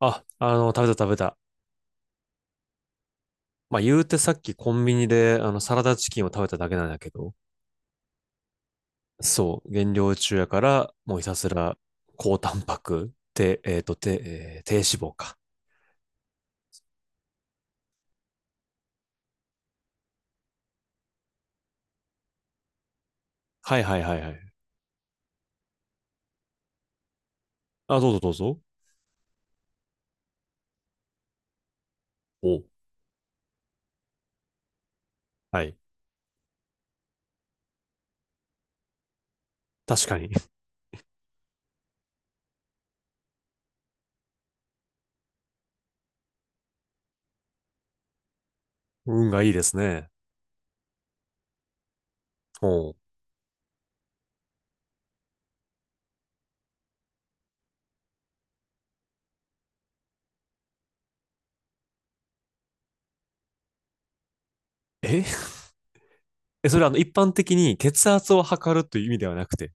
食べた食べた。まあ、言うてさっきコンビニで、サラダチキンを食べただけなんだけど、そう、減量中やから、もうひたすら、高タンパク、低、えっと、低、えー低脂肪か。はいはいはいはい。どうぞどうぞ。お、はい。確かに。運がいいですね。おうえ え、それ一般的に血圧を測るという意味ではなくて。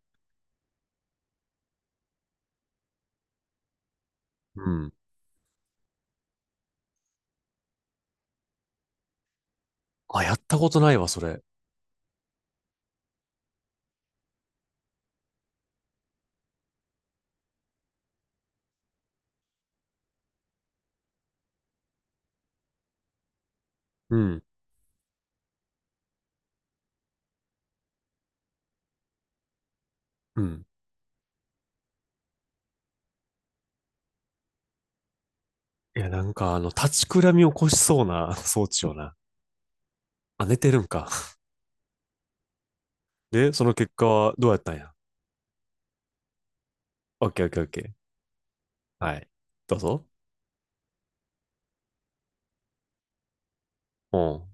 うん。あ、やったことないわ、それ。うん。うん。いや、なんか、立ちくらみを起こしそうな 装置をな。あ、寝てるんか。で、その結果はどうやったんや。オッケーオッケーオッケー。はい。どうぞ。うん。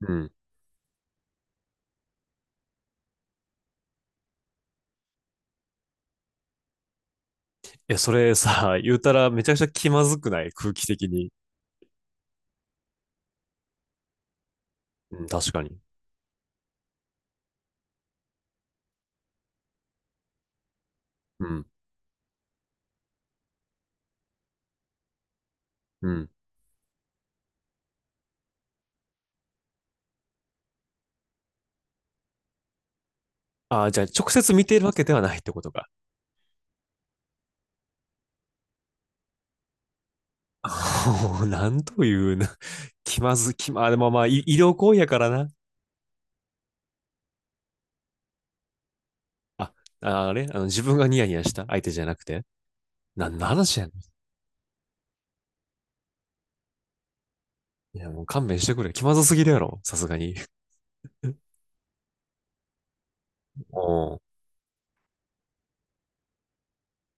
うん。いや、それさ、言うたらめちゃくちゃ気まずくない？空気的に。うん、確かに。うん。うん。ああ、じゃあ直接見ているわけではないってことか。おーなんというな、気まず、気ま、あ、でもまあ、医療行為やからな。あ、ああれあの、自分がニヤニヤした相手じゃなくて。なんの話やねん。いや、もう勘弁してくれ。気まずすぎるやろ。さすがに。おー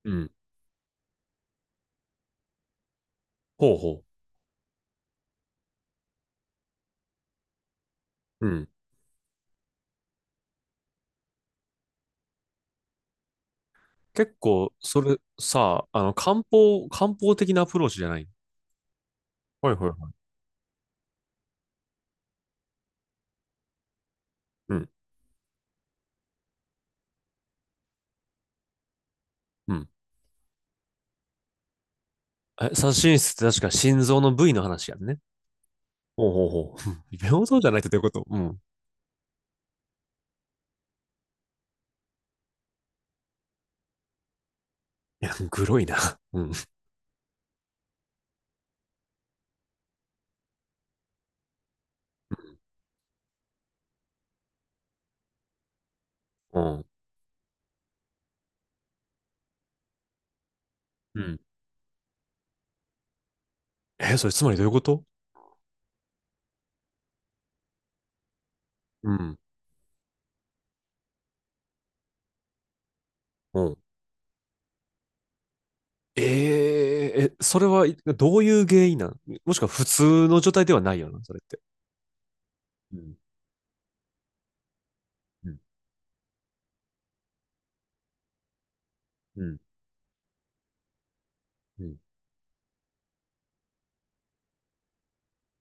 うん。ほうほう。うん。結構、それさ、漢方的なアプローチじゃない？はいはいはい。うん。うん。え、左心室って確か心臓の部位の話やんね。ほうほうほう。うん。平等じゃないってどういうこと？うん。いや、グロいな。うん。うん。うん。え、それつまりどういうこと？うん。うん。ええ、それはいどういう原因なん？もしくは普通の状態ではないよな、それって。うん。うん。うん。うん。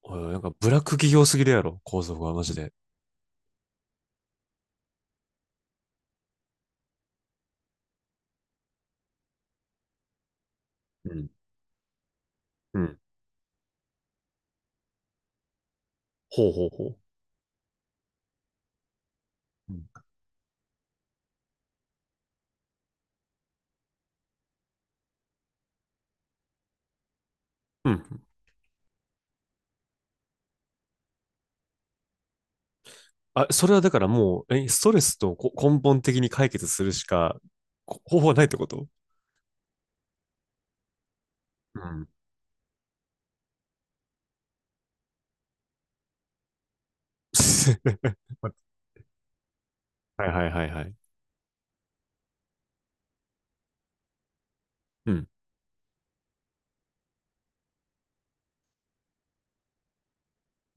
おいなんかブラック企業すぎるやろ、構造がマジで。うん。うん。ほうほうほう。うん。うん。あ、それはだからもう、ストレスとこ根本的に解決するしかこ方法はないってこと？うん。はいはいはいはい。うん。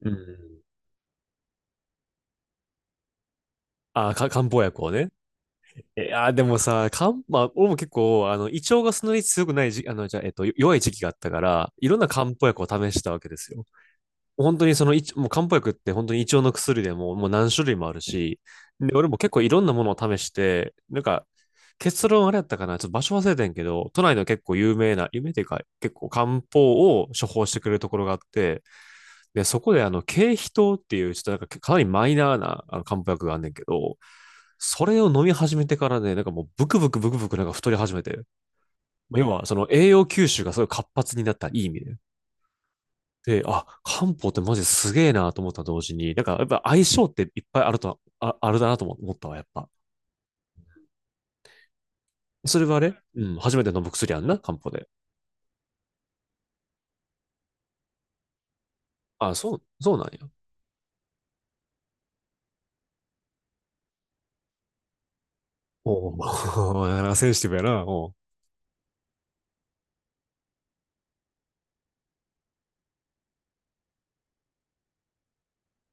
うん。あ、漢方薬をね。え、あ、でもさ、まあ、俺も結構、胃腸がそんなに強くないじゃあ、弱い時期があったから、いろんな漢方薬を試したわけですよ。本当にその一、いちもう漢方薬って本当に胃腸の薬でももう何種類もあるし、で、俺も結構いろんなものを試して、なんか、結論あれやったかな、ちょっと場所忘れてんけど、都内の結構有名な、有名っていうか、結構漢方を処方してくれるところがあって、で、そこで桂皮糖っていう、ちょっとなんかかなりマイナーな漢方薬があんねんけど、それを飲み始めてからね、なんかもうブクブクブクブクなんか太り始めて、要はその栄養吸収がすごい活発になった、いい意味で。で、あ、漢方ってマジすげえなと思った同時に、なんかやっぱ相性っていっぱいあると、あ、あるだなとも思ったわ、やっぱ。それはあれうん、初めて飲む薬あんな、漢方で。あ、そう、そうなんや。おお、なんかセンシティブやな、おう。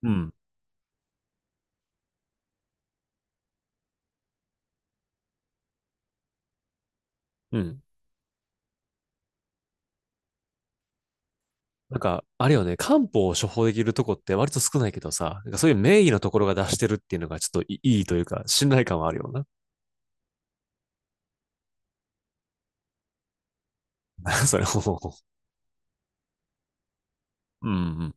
うん、うん。なんか、あれよね、漢方を処方できるとこって割と少ないけどさ、なんかそういう名医のところが出してるっていうのがちょっといいいというか、信頼感はあるよな。それ、もうほうほう。うんうん。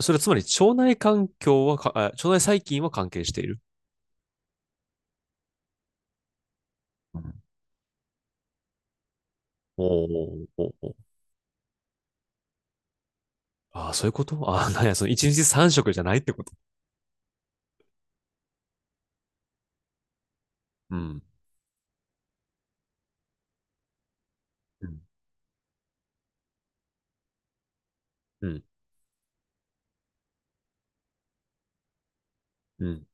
それつまり腸内環境はか、あ腸内細菌は関係している？うんおーおーおーおーああ、そういうこと。 ああ、なんや、その一日三食じゃないってこと？うん。うん。うん。うん。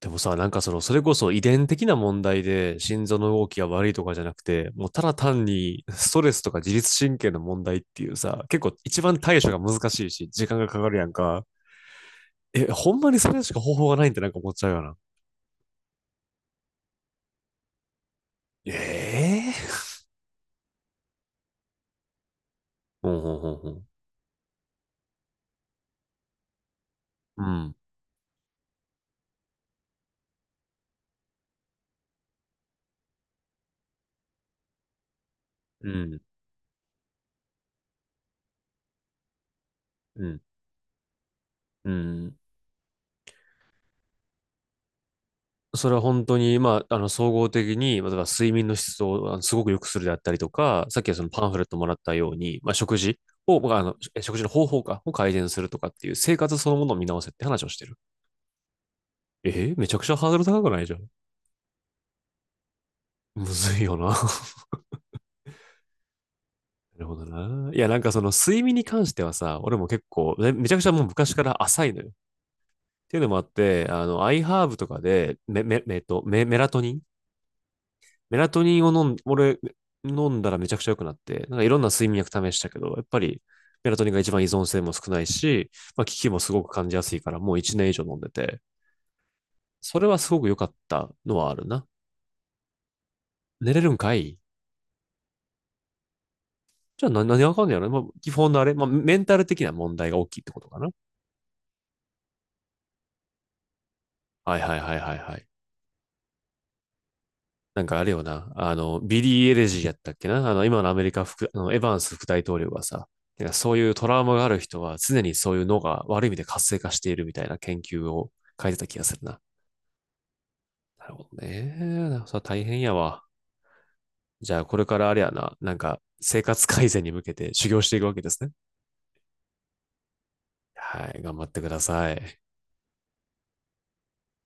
でもさ、なんかその、それこそ遺伝的な問題で心臓の動きが悪いとかじゃなくて、もうただ単に ストレスとか自律神経の問題っていうさ、結構一番対処が難しいし、時間がかかるやんか。え、ほんまにそれしか方法がないんってなんか思っちゃうよな。ええ。ほんほんほんほん。うん。うん。うん。うん。それは本当に、まあ、総合的に、まあ、例えば睡眠の質をすごく良くするであったりとか、さっきはそのパンフレットもらったように、まあ、食事を、まあ、食事の方法か、を改善するとかっていう生活そのものを見直せって話をしてる。めちゃくちゃハードル高くないじゃん。むずいよな。なるほどな。いや、なんかその睡眠に関してはさ、俺も結構、めちゃくちゃもう昔から浅いのよ。っていうのもあって、iHerb とかで、メ、メ、えっと、メ、メラトニンメラトニンを俺、飲んだらめちゃくちゃ良くなって、なんかいろんな睡眠薬試したけど、やっぱりメラトニンが一番依存性も少ないし、まあ、効きもすごく感じやすいから、もう1年以上飲んでて、それはすごく良かったのはあるな。寝れるんかい。じゃあ何がわかんねやろ、まあ、基本のあれ、まあ、メンタル的な問題が大きいってことかな。はいはいはいはいはい。なんかあれよな、ビリー・エレジーやったっけな今のアメリカ副、あの、エバンス副大統領がさ、なんかそういうトラウマがある人は常にそういう脳が悪い意味で活性化しているみたいな研究を書いてた気がするな。なるほどね。それ大変やわ。じゃあこれからあれやな、なんか生活改善に向けて修行していくわけですね。はい、頑張ってください。